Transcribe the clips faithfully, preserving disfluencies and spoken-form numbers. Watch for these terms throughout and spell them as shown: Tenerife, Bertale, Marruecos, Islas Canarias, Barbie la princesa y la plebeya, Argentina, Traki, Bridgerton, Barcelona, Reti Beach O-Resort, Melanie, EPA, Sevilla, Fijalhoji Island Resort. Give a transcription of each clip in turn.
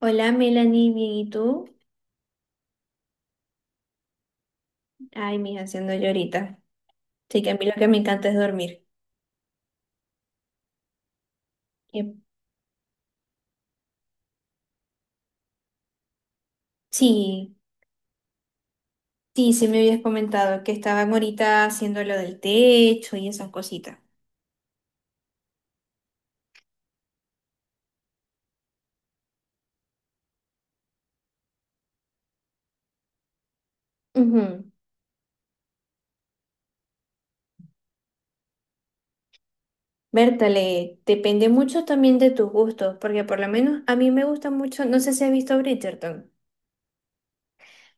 Hola Melanie, bien, ¿y tú? Ay, mija, haciendo yo ahorita. Sí, que a mí lo que me encanta es dormir. Y- Sí, sí, sí me habías comentado que estaban ahorita haciendo lo del techo y esas cositas. Ujú. Bertale, depende mucho también de tus gustos, porque por lo menos a mí me gusta mucho, no sé si has visto Bridgerton.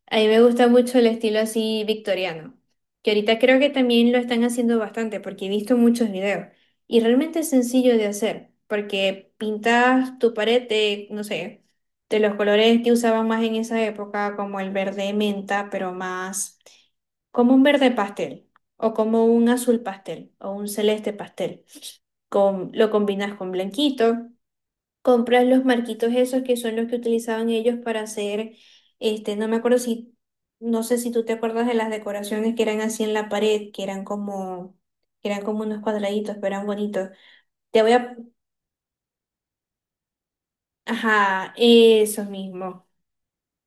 A mí me gusta mucho el estilo así victoriano, que ahorita creo que también lo están haciendo bastante porque he visto muchos videos y realmente es sencillo de hacer porque pintas tu pared de, no sé, de los colores que usaban más en esa época, como el verde menta, pero más como un verde pastel o como un azul pastel o un celeste pastel. Con, lo combinas con blanquito, compras los marquitos esos que son los que utilizaban ellos para hacer, este, no me acuerdo si, no sé si tú te acuerdas de las decoraciones que eran así en la pared, que eran como, que eran como unos cuadraditos, pero eran bonitos. Te voy a, ajá, eso mismo.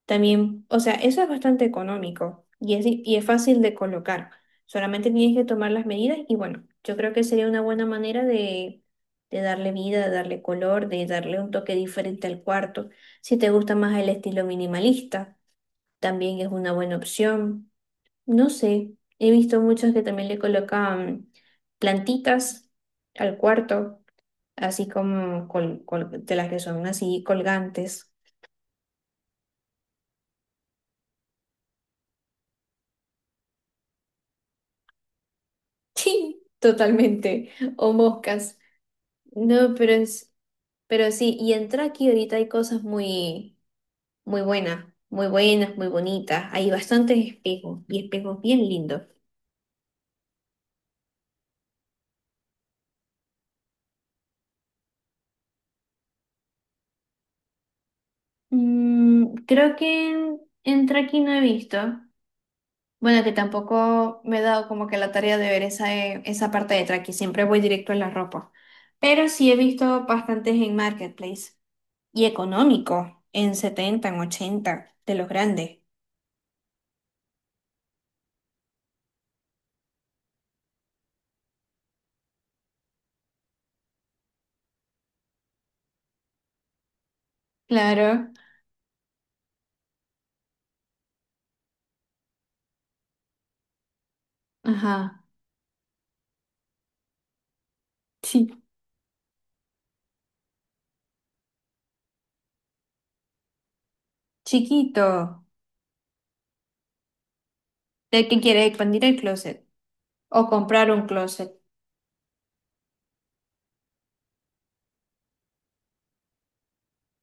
También, o sea, eso es bastante económico y es, di- y es fácil de colocar. Solamente tienes que tomar las medidas y bueno, yo creo que sería una buena manera de, de darle vida, de darle color, de darle un toque diferente al cuarto. Si te gusta más el estilo minimalista, también es una buena opción. No sé, he visto muchos que también le colocan plantitas al cuarto, así como col- col- de las que son así colgantes. Sí, totalmente. O moscas. No, pero es, pero sí, y en Traki ahorita hay cosas muy, muy buenas, muy buenas, muy bonitas. Hay bastantes espejos y espejos bien lindos. Mm, creo que en, en Traki no he visto. Bueno, que tampoco me he dado como que la tarea de ver esa, eh, esa parte de Traki. Siempre voy directo a la ropa. Pero sí he visto bastantes en Marketplace. Y económico, en setenta en ochenta de los grandes. Claro. Ajá, sí, chiquito. De que quieres expandir el closet o comprar un closet.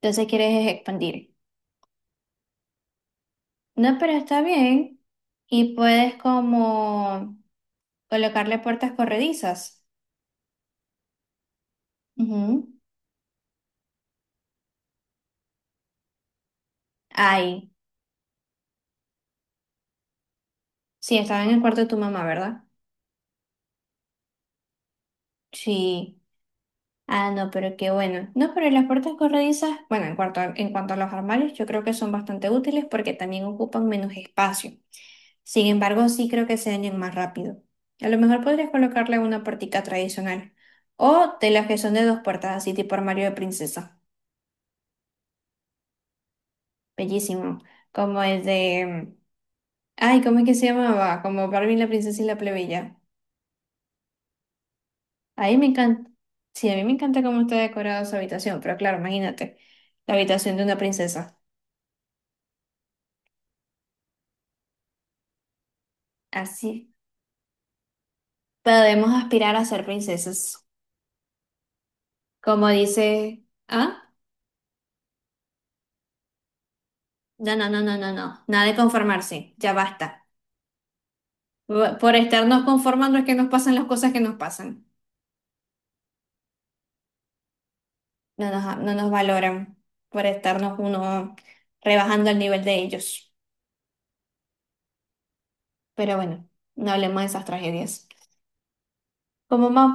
Entonces quieres es expandir. No, pero está bien. Y puedes como colocarle puertas corredizas. Ujú. Ahí. Sí, estaba en el cuarto de tu mamá, ¿verdad? Sí. Ah, no, pero qué bueno. No, pero las puertas corredizas, bueno, en cuanto a, en cuanto a los armarios, yo creo que son bastante útiles porque también ocupan menos espacio. Sin embargo, sí creo que se dañan más rápido. A lo mejor podrías colocarle una puertica tradicional o de las que son de dos puertas, así tipo armario de princesa. Bellísimo. Como el de... Ay, ¿cómo es que se llamaba? Como Barbie la princesa y la plebeya. Ahí me encanta. Sí, a mí me encanta cómo está decorada su habitación, pero claro, imagínate, la habitación de una princesa. Así. Podemos aspirar a ser princesas. Como dice, ah, no, no, no, no, no, no, nada de conformarse, ya basta. Bu- Por estarnos conformando es que nos pasan las cosas que nos pasan. No nos, no nos valoran por estarnos uno rebajando el nivel de ellos. Pero bueno, no hablemos de esas tragedias. Como más,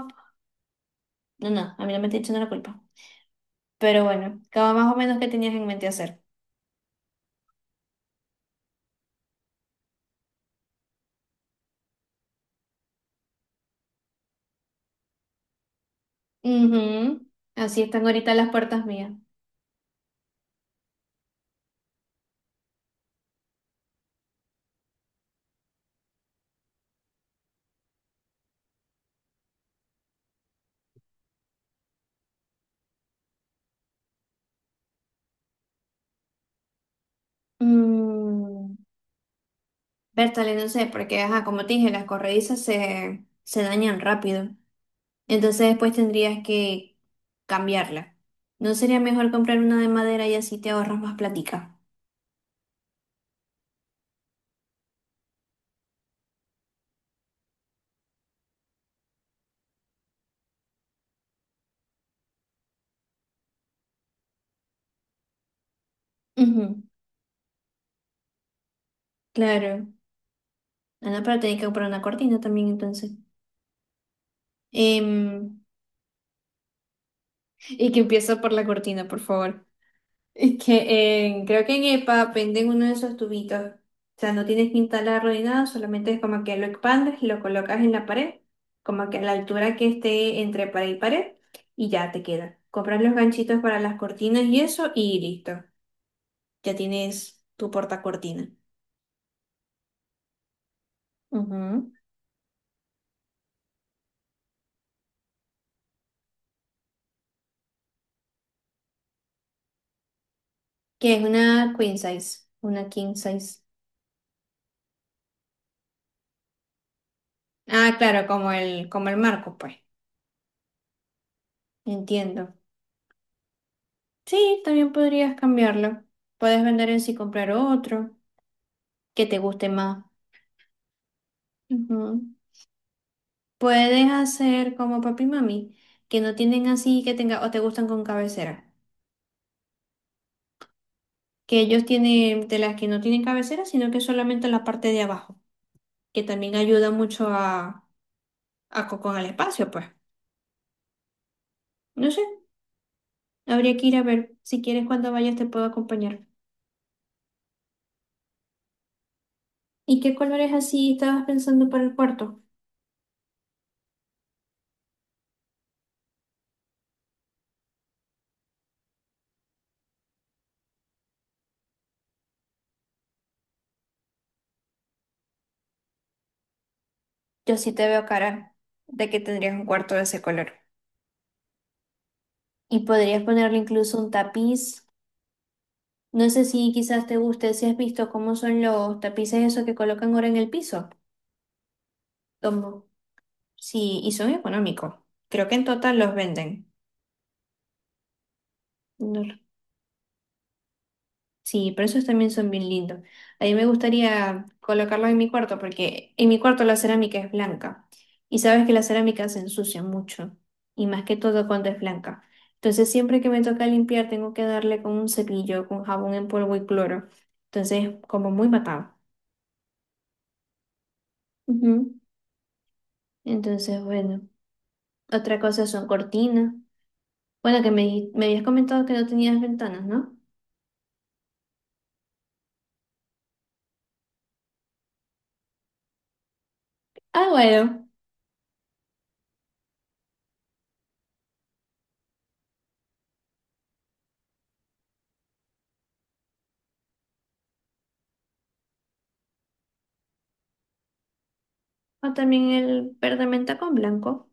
no, no, a mí no me estoy echando la culpa. Pero bueno, como más o menos que tenías en mente hacer. Ujú. Así están ahorita las puertas mías. Mm. Bertale, no sé, porque, ajá, como te dije, las corredizas se, se dañan rápido. Entonces después tendrías que cambiarla. ¿No sería mejor comprar una de madera y así te ahorras más platica? Ujú, claro. Ah, no, pero tenés que comprar una cortina también entonces. Em, y que empieza por la cortina, por favor. Es que en- creo que en EPA venden uno de esos tubitos. O sea, no tienes que instalarlo ni nada, solamente es como que lo expandes y lo colocas en la pared, como que a la altura que esté entre pared y pared, y ya te queda. Compras los ganchitos para las cortinas y eso, y listo. Ya tienes tu portacortina. Ujú. Que es una queen size, una king size. Ah, claro, como el, como el marco, pues. Entiendo. Sí, también podrías cambiarlo. Puedes vender ese y comprar otro que te guste más. Ujú. Puedes hacer como papi y mami, que no tienen así, que tenga, o te gustan con cabecera. Que ellos tienen de las que no tienen cabecera, sino que solamente la parte de abajo, que también ayuda mucho a, a co- con el espacio, pues. No sé, habría que ir a ver. Si quieres, cuando vayas te puedo acompañar. ¿Y qué colores así estabas pensando para el cuarto? Yo sí te veo cara de que tendrías un cuarto de ese color. Y podrías ponerle incluso un tapiz. No sé si quizás te guste, si has visto cómo son los tapices esos que colocan ahora en el piso. Tomo. Sí, y son económicos. Creo que en total los venden. No lo- Sí, pero esos también son bien lindos. A mí me gustaría colocarlos en mi cuarto porque en mi cuarto la cerámica es blanca. Y sabes que la cerámica se ensucia mucho. Y más que todo cuando es blanca. Entonces siempre que me toca limpiar tengo que darle con un cepillo, con jabón en polvo y cloro. Entonces, como muy matado. Ujú. Entonces, bueno. Otra cosa son cortinas. Bueno, que me, di- me habías comentado que no tenías ventanas, ¿no? Ah, bueno. O también el verde menta con blanco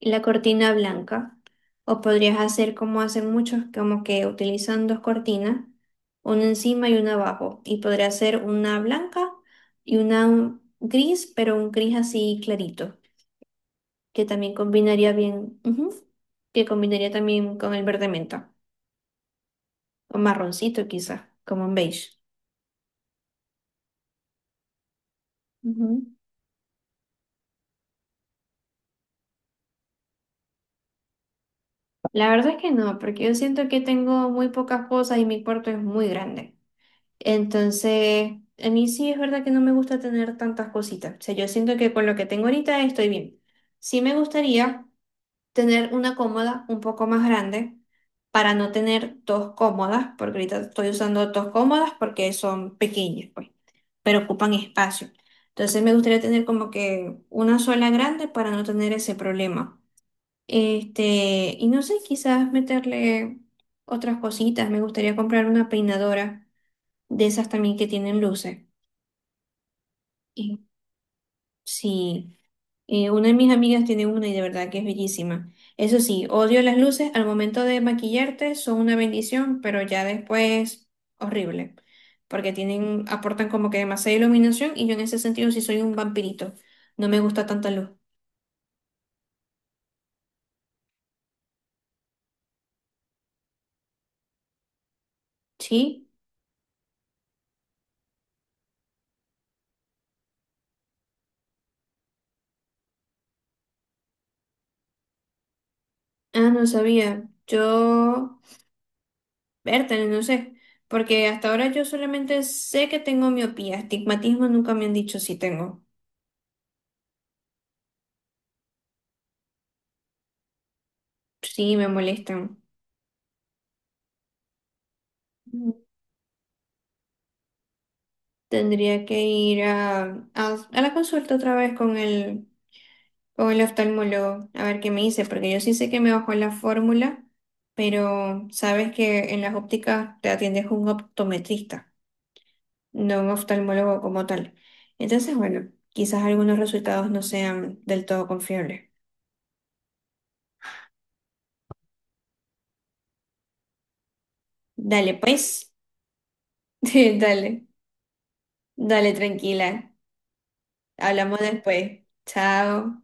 y la cortina blanca. O podrías hacer como hacen muchos, como que utilizan dos cortinas, una encima y una abajo. Y podría ser una blanca y una gris, pero un gris así clarito, que también combinaría bien, ujú, que combinaría también con el verde menta, o marroncito quizás, como un beige. Ujú. La verdad es que no, porque yo siento que tengo muy pocas cosas y mi cuarto es muy grande. Entonces, a mí sí es verdad que no me gusta tener tantas cositas. O sea, yo siento que con lo que tengo ahorita estoy bien. Sí me gustaría tener una cómoda un poco más grande para no tener dos cómodas, porque ahorita estoy usando dos cómodas porque son pequeñas, pues, pero ocupan espacio. Entonces, me gustaría tener como que una sola grande para no tener ese problema. Este, y no sé, quizás meterle otras cositas. Me gustaría comprar una peinadora de esas también que tienen luces. Y sí, eh, una de mis amigas tiene una y de verdad que es bellísima. Eso sí, odio las luces. Al momento de maquillarte son una bendición, pero ya después horrible. Porque tienen, aportan como que demasiada iluminación y yo en ese sentido sí soy un vampirito. No me gusta tanta luz. ¿Sí? Ah, no sabía. Yo. Vértale, no sé, porque hasta ahora yo solamente sé que tengo miopía, astigmatismo nunca me han dicho si tengo. Sí, me molestan. Mm. Tendría que ir a, a, a la consulta otra vez con el, con el oftalmólogo a ver qué me dice, porque yo sí sé que me bajó la fórmula, pero sabes que en las ópticas te atiendes un optometrista, no un oftalmólogo como tal. Entonces, bueno, quizás algunos resultados no sean del todo confiables. Dale, pues. Dale. Dale, tranquila. Hablamos después. Chao.